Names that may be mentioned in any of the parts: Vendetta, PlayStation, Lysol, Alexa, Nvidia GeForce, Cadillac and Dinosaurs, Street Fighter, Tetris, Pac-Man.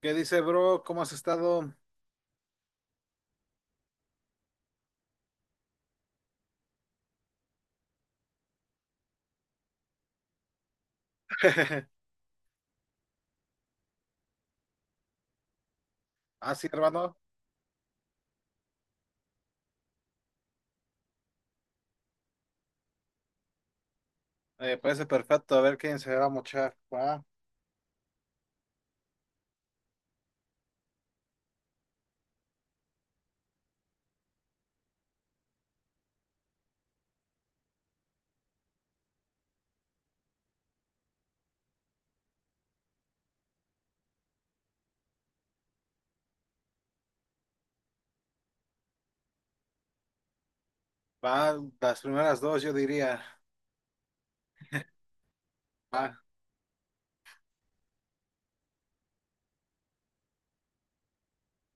¿Qué dice, bro? ¿Cómo has estado? Así, hermano. Me parece perfecto. A ver quién se va a mochar. Va, va, las primeras dos, yo diría. Va,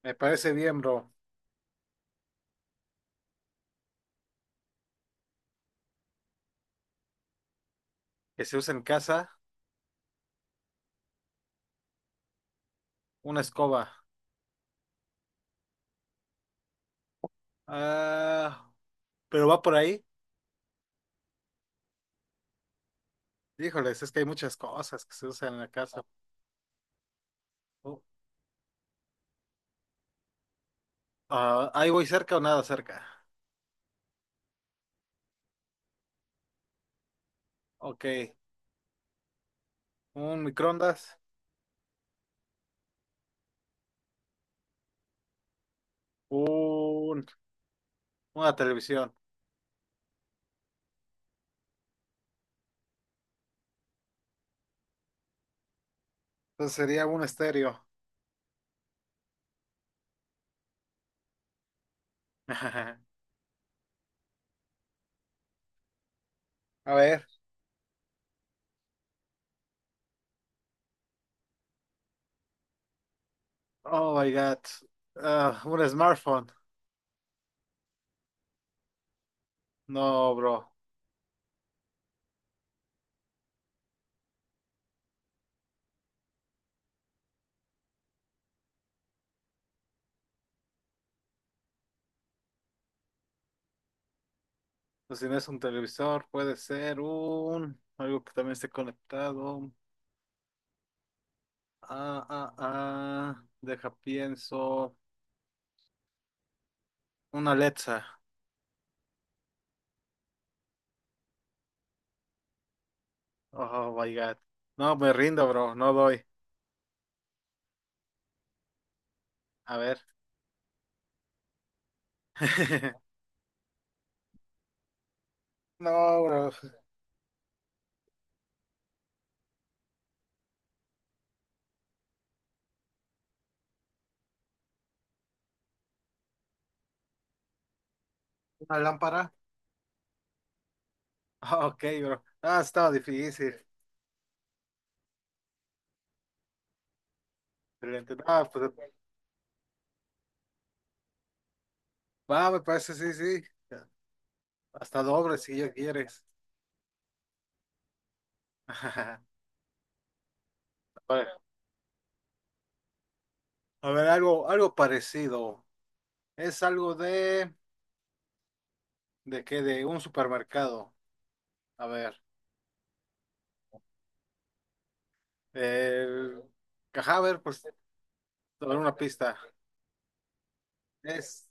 me parece bien, bro. Que se use en casa una escoba. Ah, pero va por ahí. Híjoles, es que hay muchas cosas que se usan en la casa. Oh, ah, ahí voy cerca o nada cerca. Ok, un microondas, un, una televisión. Entonces sería un estéreo. A ver. Oh my God. Ah, un smartphone. No, bro. Pues si no es un televisor, puede ser un algo que también esté conectado. Ah, ah, ah. Deja pienso. Una Alexa. Oh my God. No, me rindo, bro. No doy. A ver. No, bro. ¿Una lámpara? Ah, ok, bro. Ah, estaba difícil. Excelente. Ah, pues va, me parece, sí, sí. Hasta doble si ya quieres. Bueno, a ver, algo, algo parecido. Es algo ¿de qué? De un supermercado. A ver, el cajáver, pues, a ver, una pista. Es,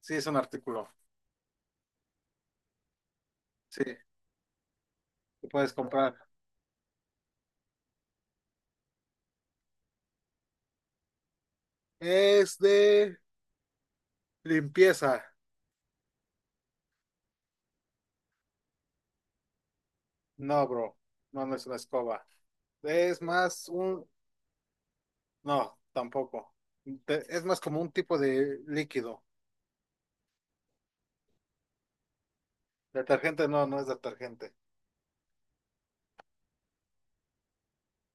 sí, es un artículo. Sí, que puedes comprar. Es de limpieza. No, bro, no, no es una escoba. Es más un, no, tampoco. Te- es más como un tipo de líquido. Detergente, no, no es detergente.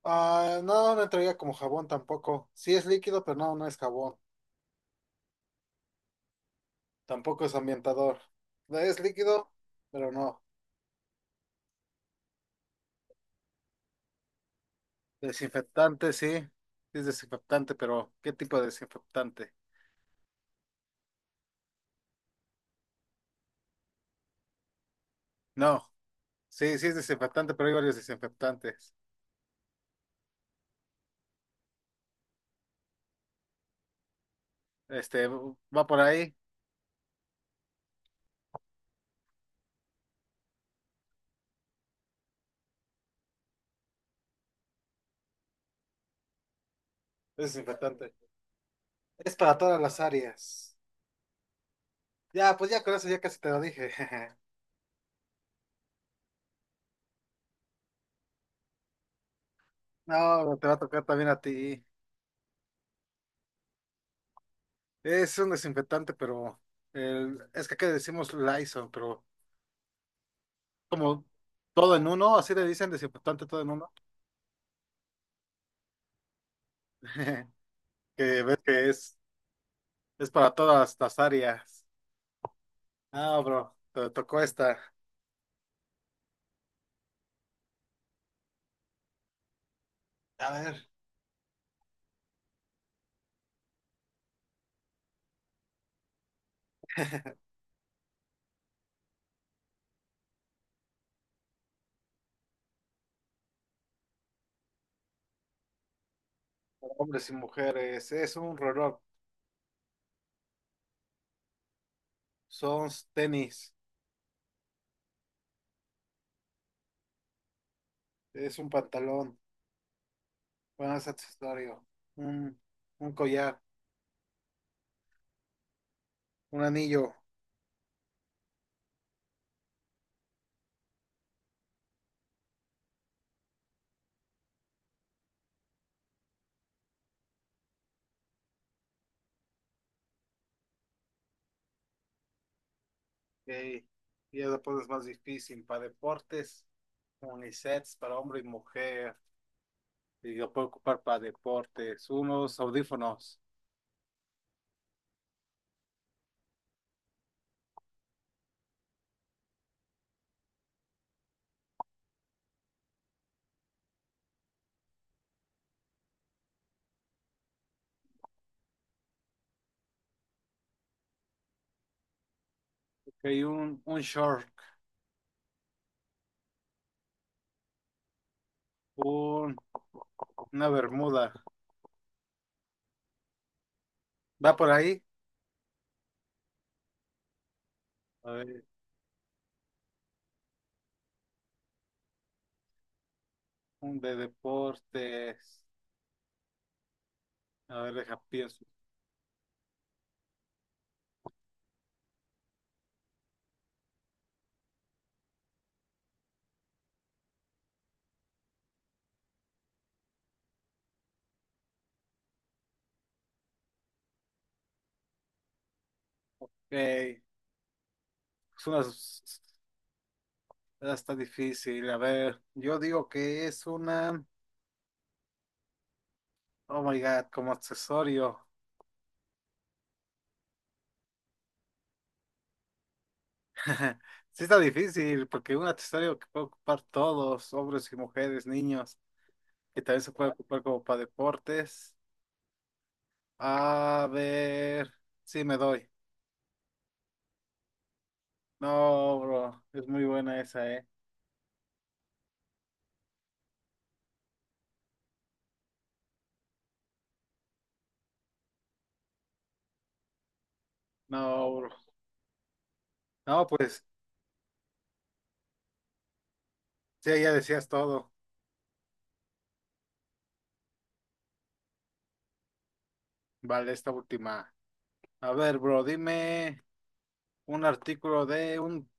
Ah, no, no entraría como jabón tampoco. Sí es líquido, pero no, no es jabón. Tampoco es ambientador. No es líquido, pero no. Desinfectante, sí. Sí es desinfectante, pero ¿qué tipo de desinfectante? No. Sí, sí es desinfectante, pero hay varios desinfectantes. Este, va por ahí. Es desinfectante. Es para todas las áreas. Ya, pues ya con eso ya casi te lo dije. No, pero te va a tocar también a ti. Es un desinfectante, pero el, es que acá le decimos Lysol, pero como todo en uno, así le dicen desinfectante todo en uno. Que ves que es. Es para todas las áreas. Ah, bro, te tocó esta. A ver, para hombres y mujeres. Es un reloj. Son tenis. Es un pantalón. Bueno, es accesorio. Un, un collar. Un anillo. Ok. Y ya después es más difícil. Para deportes. Unisets para hombre y mujer. Y lo puedo ocupar para deportes. Unos audífonos. Ok, un short. Un, una bermuda. ¿Va por ahí? A ver. De deportes. A ver, deja pienso. Eh, es una está difícil. A ver, yo digo que es una. Oh my God, como accesorio. Sí está difícil, porque un accesorio que puede ocupar todos, hombres y mujeres, niños, que también se puede ocupar como para deportes. A ver, sí me doy. No, bro, es muy buena esa, ¿eh? No, bro. No, pues, sí, ya decías todo. Vale, esta última. A ver, bro, dime un artículo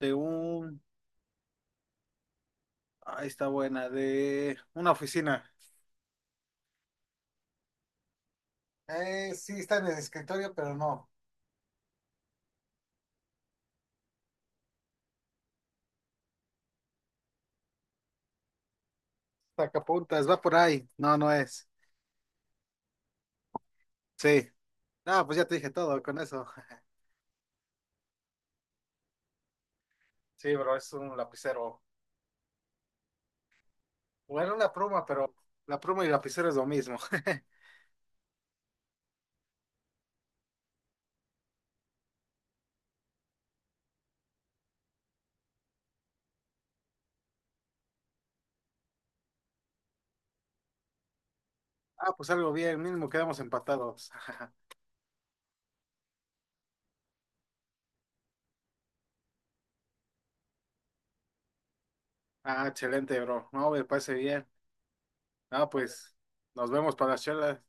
de un, ah, ahí está buena, de una oficina. Sí, está en el escritorio, pero no. Sacapuntas, va por ahí. No, no es. Sí. Ah, pues ya te dije todo con eso. Sí, bro, es un lapicero. Bueno, una pluma, pero la pluma y el lapicero es lo mismo. Ah, pues algo bien, mínimo quedamos empatados. Ah, excelente, bro. No, me parece bien. Ah, pues nos vemos para la charla.